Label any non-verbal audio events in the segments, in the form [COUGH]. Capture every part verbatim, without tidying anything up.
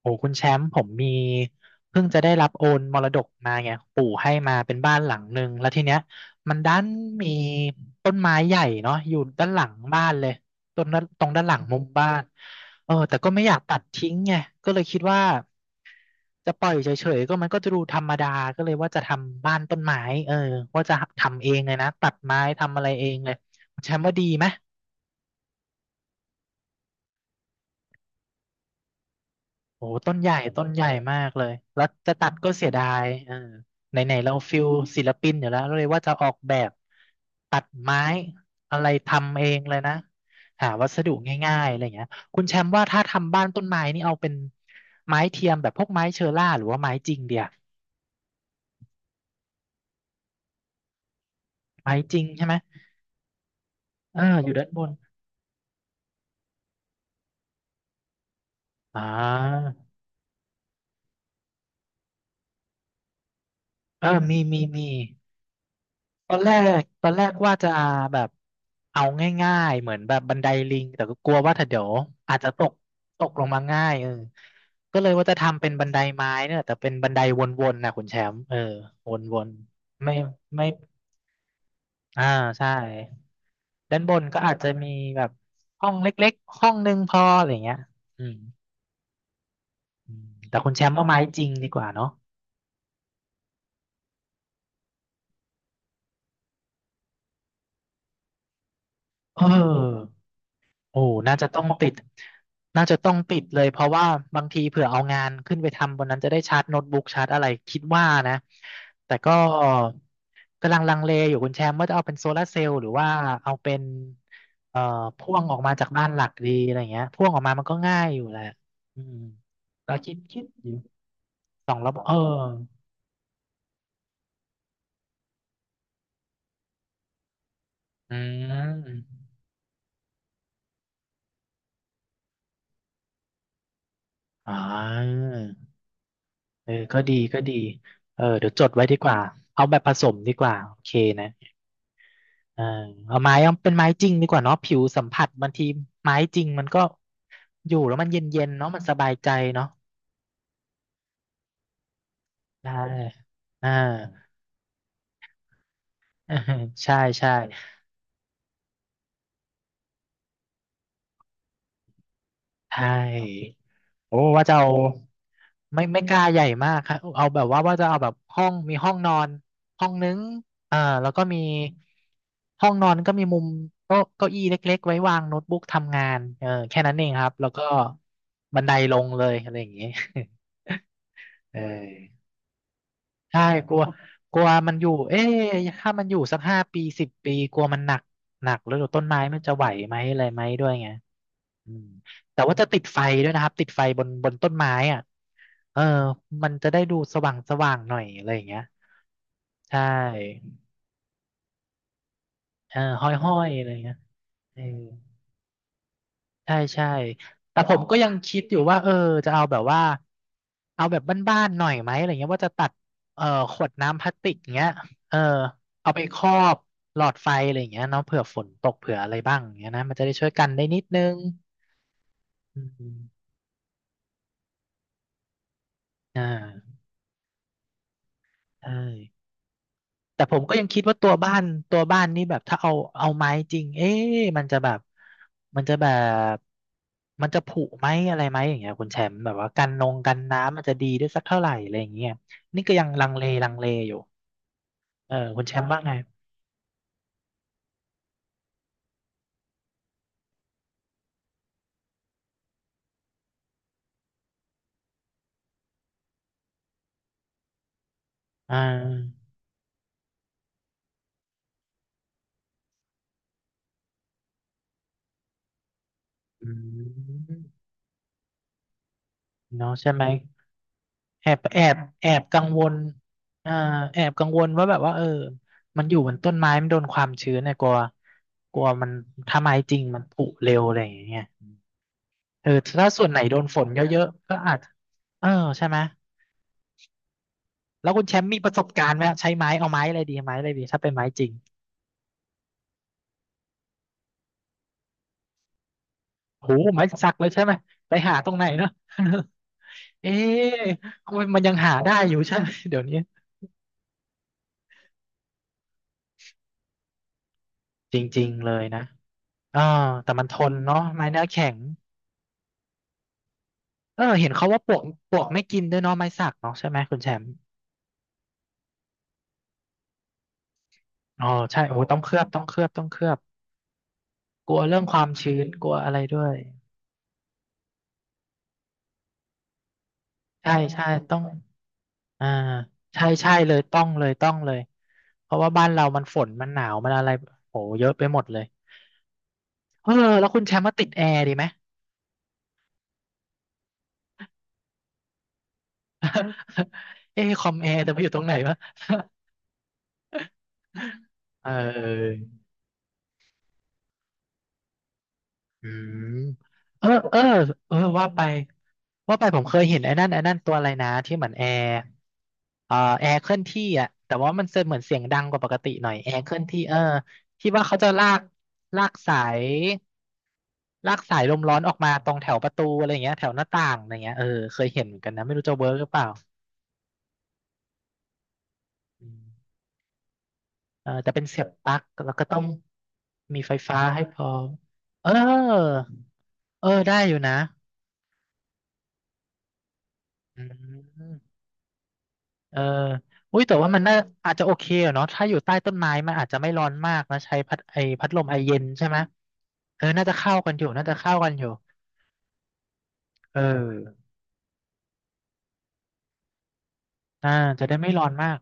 โอ้คุณแชมป์ผมมีเพิ่งจะได้รับโอนมรดกมาไงปู่ให้มาเป็นบ้านหลังหนึ่งแล้วทีเนี้ยมันด้านมีต้นไม้ใหญ่เนาะอยู่ด้านหลังบ้านเลยต้นด้านตรงด้านหลังมุมบ้านเออแต่ก็ไม่อยากตัดทิ้งไงก็เลยคิดว่าจะปล่อยเฉยๆก็มันก็จะดูธรรมดาก็เลยว่าจะทำบ้านต้นไม้เออว่าจะทำเองเลยนะตัดไม้ทำอะไรเองเลยคุณแชมป์ว่าดีไหม โอ้ต้นใหญ่ต้นใหญ่มากเลยแล้วจะตัดก็เสียดายเออไหนๆเราฟิลศิลปินอยู่แล้วเราเลยว่าจะออกแบบตัดไม้อะไรทำเองเลยนะหาวัสดุง่ายๆอะไรอย่างเงี้ยคุณแชมป์ว่าถ้าทำบ้านต้นไม้นี่เอาเป็นไม้เทียมแบบพวกไม้เชอร่าหรือว่าไม้จริงเดียวไม้จริงใช่ไหมเอออยู่ด้านบนอ่าเออมีมีมี ตอนแรกตอนแรกว่าจะแบบเอาง่ายๆเหมือนแบบบันไดลิงแต่ก็กลัวว่าถ้าเดี๋ยวอาจจะตกตกลงมาง่ายเออก็เลยว่าจะทำเป็นบันไดไม้เนี่ยแต่เป็นบันไดวนๆนะคุณแชมป์เออวนๆไม่ไม่อ่าใช่ด้านบนก็อาจจะมีแบบห้องเล็กๆห้องหนึงพออะไรเงี้ยอืมอืมแต่คุณแชมป์เอาไม้จริงดีกว่าเนาะเออ โอ้น่าจะต้องติดน่าจะต้องติดเลยเพราะว่าบางทีเผื่อเอางานขึ้นไปทำบนนั้นจะได้ชาร์จโน้ตบุ๊กชาร์จอะไรคิดว่านะแต่ก็กำลังลังเลอยู่คุณแชมป์ว่าจะเอาเป็นโซลาร์เซลล์หรือว่าเอาเป็นเอ่อพ่วงออกมาจากบ้านหลักดีอะไรเงี้ยพ่วงออกมามันก็ง่ายอยู่แหละอืมก็คิดคิดอยู่สองระบบเอออืมอ่าเออก็ดีก็ดีเออเดี๋ยวจดไว้ดีกว่าเอาแบบผสมดีกว่าโอเคนะ เอาเอาไม้เอาเป็นไม้จริงดีกว่าเนาะผิวสัมผัสบางทีไม้จริงมันก็อยู่แล้วมันเย็นๆเนาะมันสบายใจเนาะได้อ่า [LAUGHS] ใช่ใช่ใช่โอ้ว่าจะเอาไม่ไม่กล้าใหญ่มากครับเอาแบบว่าว่าจะเอาแบบห้องมีห้องนอนห้องนึงอ่าแล้วก็มีห้องนอนก็มีมุมโต๊ะเก้าอี้เล็กๆไว้วางโน้ตบุ๊กทำงานเออแค่นั้นเองครับแล้วก็บันไดลงเลยอะไรอย่างเงี้ย [LAUGHS] เออ ใช่กลัวกลัวมันอยู่เอ๊ะถ้ามันอยู่สักห้าปีสิบปีกลัวมันหนักหนักแล้วเดี๋ยวต้นไม้มันจะไหวไหมอะไรไหมด้วยไงอืมแต่ว่าจะติดไฟด้วยนะครับติดไฟบนบนต้นไม้อ่ะเออมันจะได้ดูสว่างสว่างหน่อยอะไรอย่างเงี้ยใช่เออห้อยห้อยอะไรอย่างเงี้ยเออ ใช่ใช่แต่ผมก็ยังคิดอยู่ว่าเออจะเอาแบบว่าเอาแบบบ้านๆหน่อยไหมอะไรเงี้ยว่าจะตัดเอ่อขวดน้ำพลาสติกเงี้ยเออเอาไปครอบหลอดไฟอะไรอย่างเงี้ยเนาะเผื่อฝนตกเผื่ออะไรบ้างอย่างเงี้ยนะมันจะได้ช่วยกันได้นิดนึงอืมอ่าใช่ แต่ผมก็ยังคิดว่าตัวบ้านตัวบ้านนี่แบบถ้าเอาเอาไม้จริงเอ๊ะมันจะแบบมันจะแบบมันจะผุไหมอะไรไหมอย่างเงี้ยคุณแชมป์แบบว่ากันนงกันน้ำมันจะดีได้สักเท่าไหร่อะไรอย่างเงี้ยนี่ก็ยังลังเลลังเลอยู่เออคุณแชมป์ว่าไงอ่าอืมเนาะใช่ไหมแอบแอบแอบกังวลอ่าแอบกังวลว่าแบบว่าเออมันอยู่บนต้นไม้มันโดนความชื้นเนี่ยกลัวกลัวมันถ้าไม้จริงมันผุเร็วอะไรอย่างเงี้ย เออถ้าส่วนไหนโดนฝนเยอะๆก็อาจเออใช่ไหมแล้วคุณแชมป์มีประสบการณ์ไหมใช้ไม้เอาไม้อะไรดีไม้อะไรดีถ้าเป็นไม้จริงโหไม้สักเลยใช่ไหมไปหาตรงไหนเนอะ [LAUGHS] เอ๊ะมันยังหาได้อยู่ใช่ไหม [LAUGHS] เดี๋ยวนี้จริงๆเลยนะเออแต่มันทนเนาะไม้เนื้อแข็งเออเห็นเขาว่าปลวกปลวกไม่กินด้วยเนาะไม้สักเนาะใช่ไหมคุณแชมป์อ๋อใช่โอ้ต้องเคลือบต้องเคลือบต้องเคลือบกลัวเรื่องความชื้นกลัวอะไรด้วยใช่ใช่ต้อง อ่าใช่ใช่เลยต้องเลยต้องเลยเพราะว่าบ้านเรามันฝนมันหนาวมันอะไรโหเยอะไปหมดเลยเออแล้วคุณแชมป์มาติดแอร์ดีไหม [LAUGHS] เอ้คอมแอร์แต่ไปอยู่ตรงไหนวะ [LAUGHS] เออ อืมเออเออเออว่าไปว่าไปผมเคยเห็นไอ้นั่นไอ้นั่นตัวอะไรนะที่เหมือนแอร์เอ่อแอร์เคลื่อนที่อ่ะแต่ว่ามันเหมือนเสียงดังกว่าปกติหน่อยแอร์เคลื่อนที่เออที่ว่าเขาจะลากลากสายลากสายลมร้อนออกมาตรงแถวประตูอะไรอย่างเงี้ยแถวหน้าต่างอะไรเงี้ยเออเคยเห็นเหมือนกันนะไม่รู้จะเวิร์กหรือเปล่าอืมเออแต่เป็นเสียบปลั๊กแล้วก็ต้องมีไฟฟ้าให้พร้อมเออเออได้อยู่นะอืม เอออุ้ยแต่ว่ามันน่าอาจจะโอเคอะเนาะถ้าอยู่ใต้ต้นไม้มันอาจจะไม่ร้อนมากนะใช้พัดไอพัดลมไอเย็นใช่ไหมเออน่าจะเข้ากันอยู่น่าจะเข้ากันอยู่เอออ่าจะได้ไม่ร้อนมาก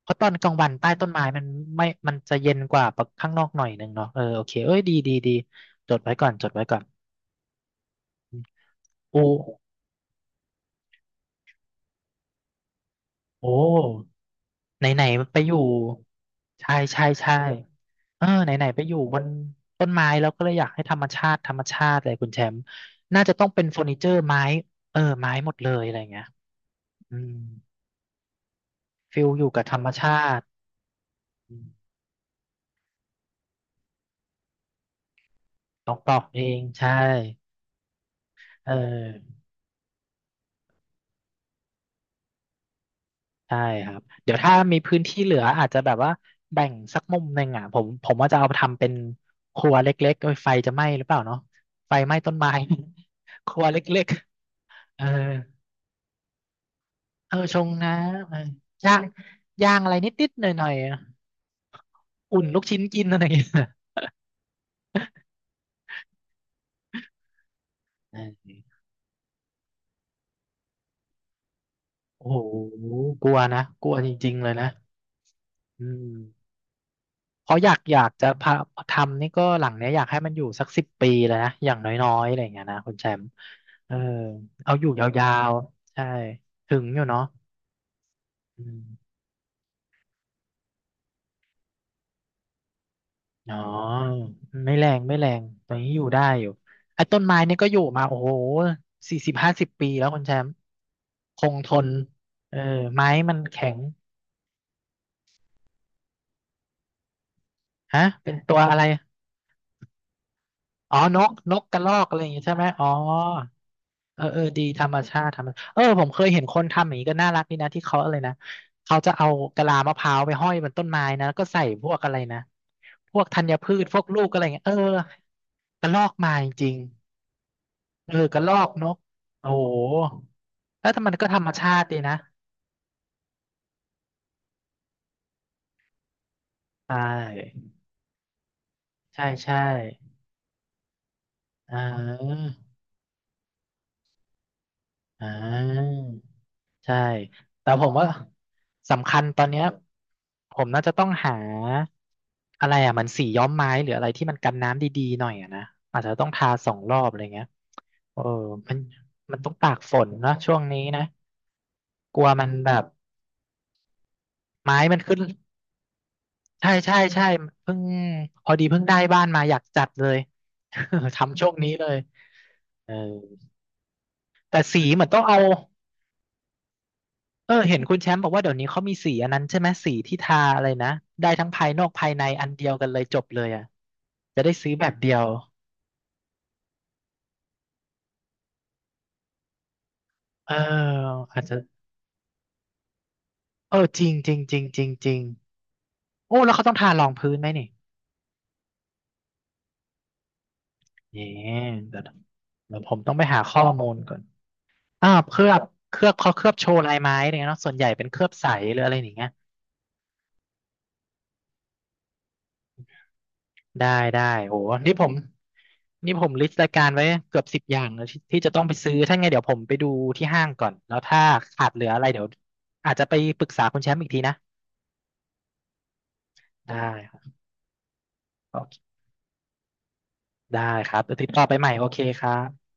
เพราะตอนกลางวันใต้ต้นไม้มันไม่มันจะเย็นกว่าข้างนอกหน่อยหนึ่งเนาะเออโอเคเอ้ยดีดีดีจดไว้ก่อนจดไว้ก่อนโอ้โอ้ ไหนๆไปอยู่ใช่ใช่ใช่เออไหนๆไปอยู่บนต้นไม้แล้วก็เลยอยากให้ธรรมชาติธรรมชาติเลยคุณแชมป์น่าจะต้องเป็นเฟอร์นิเจอร์ไม้เออไม้หมดเลยอะไรเงี้ยอืมฟิลอยู่กับธรรมชาติอืมต้องปลอกเองใช่เออใช่ครับเดี๋ยวถ้ามีพื้นที่เหลืออาจจะแบบว่าแบ่งสักมุมหนึ่งอ่ะผมผมว่าจะเอาไปทำเป็นครัวเล็กๆเอ้ยไฟจะไหม้หรือเปล่าเนาะไฟไหม้ต้นไม้ [LAUGHS] ครัวเล็กๆเออ เออชงนะเออย่างย่างอะไรนิดๆหน่อยๆอะอุ่นลูกชิ้นกินอะไรอย่างเงี้ยเออโอ้โหกลัวนะกลัวจริงๆเลยนะอืมเพราะอยากอยากจะพาทำนี่ก็หลังเนี้ยอยากให้มันอยู่สักสิบปีเลยนะอย่างน้อยๆอะไรอย่างเงี้ยนะคุณแชมป์เออเอาอยู่ยาวๆใช่ถึงอยู่เนาะอืม อ๋อไม่แรงไม่แรงตอนนี้อยู่ได้อยู่ไอ้ต้นไม้นี่ก็อยู่มาโอ้โหสี่สิบห้าสิบปีแล้วคุณแชมป์คงทนเออไม้มันแข็งฮะเป็นตัวอะไรอ๋อนกนกกระรอกอะไรอย่างงี้ใช่ไหมอ๋อเออเออดีธรรมชาติธรรมเออผมเคยเห็นคนทำอย่างนี้ก็น่ารักดีนะที่เขาอะไรนะเขาจะเอากะลามะพร้าวไปห้อยบนต้นไม้นะแล้วก็ใส่พวกอะไรนะพวกธัญพืชพวกลูกอะไรอย่างเงี้ยเออกระรอกมาจริง เออกระรอกนกโอ้โหแล้วแต่มันก็ธรรมชาติดีนะใช่ใช่ใช่อ่าอ่าใช่แต่ผมว่าสำคัญตอนเนี้ยผมน่าจะต้องหาอะไรอ่ะเหมันสีย้อมไม้หรืออะไรที่มันกันน้ำดีๆหน่อยอ่ะนะอาจจะต้องทาสองรอบอะไรเงี้ยเออมันมันต้องตากฝนเนอะช่วงนี้นะกลัวมันแบบไม้มันขึ้น ใช่ใช่ใช่เพิ่งพอดีเพิ่งได้บ้านมาอยากจัดเลย [LAUGHS] ทำช่วงนี้เลยเออแต่สีเหมือนต้องเอาเออเห็นคุณแชมป์บอกว่าเดี๋ยวนี้เขามีสีอันนั้นใช่ไหมสีที่ทาอะไรนะได้ทั้งภายนอกภายในอันเดียวกันเลยจบเลยอ่ะจะได้ซื้อแบบเดียวเอออาจจะเออจริงจริงจริงจริงจริงโอ้แล้วเขาต้องทารองพื้นไหมนี่เนี่ยเดี๋ยวเดี๋ยวผมต้องไปหาข้อมูลก่อนอ่าวเคลือบเคลือบเขาเคลือบโชว์ลายไม้อะไรเนี่ยเนาะส่วนใหญ่เป็นเคลือบใสหรืออะไรอย่างเงี้ย ได้ได้โหนี่ผมนี่ผมลิสต์รายการไว้เกือบสิบอย่างแล้วที่ที่จะต้องไปซื้อถ้าไงเดี๋ยวผมไปดูที่ห้างก่อนแล้วถ้าขาดเหลืออะไรเดี๋ยวอาจจะไปปรึกษาคุณแชมป์อีกทีนะได้ครับโอเคได้ครับเดี๋ยวติดต่อไปใหม่โอเคครับ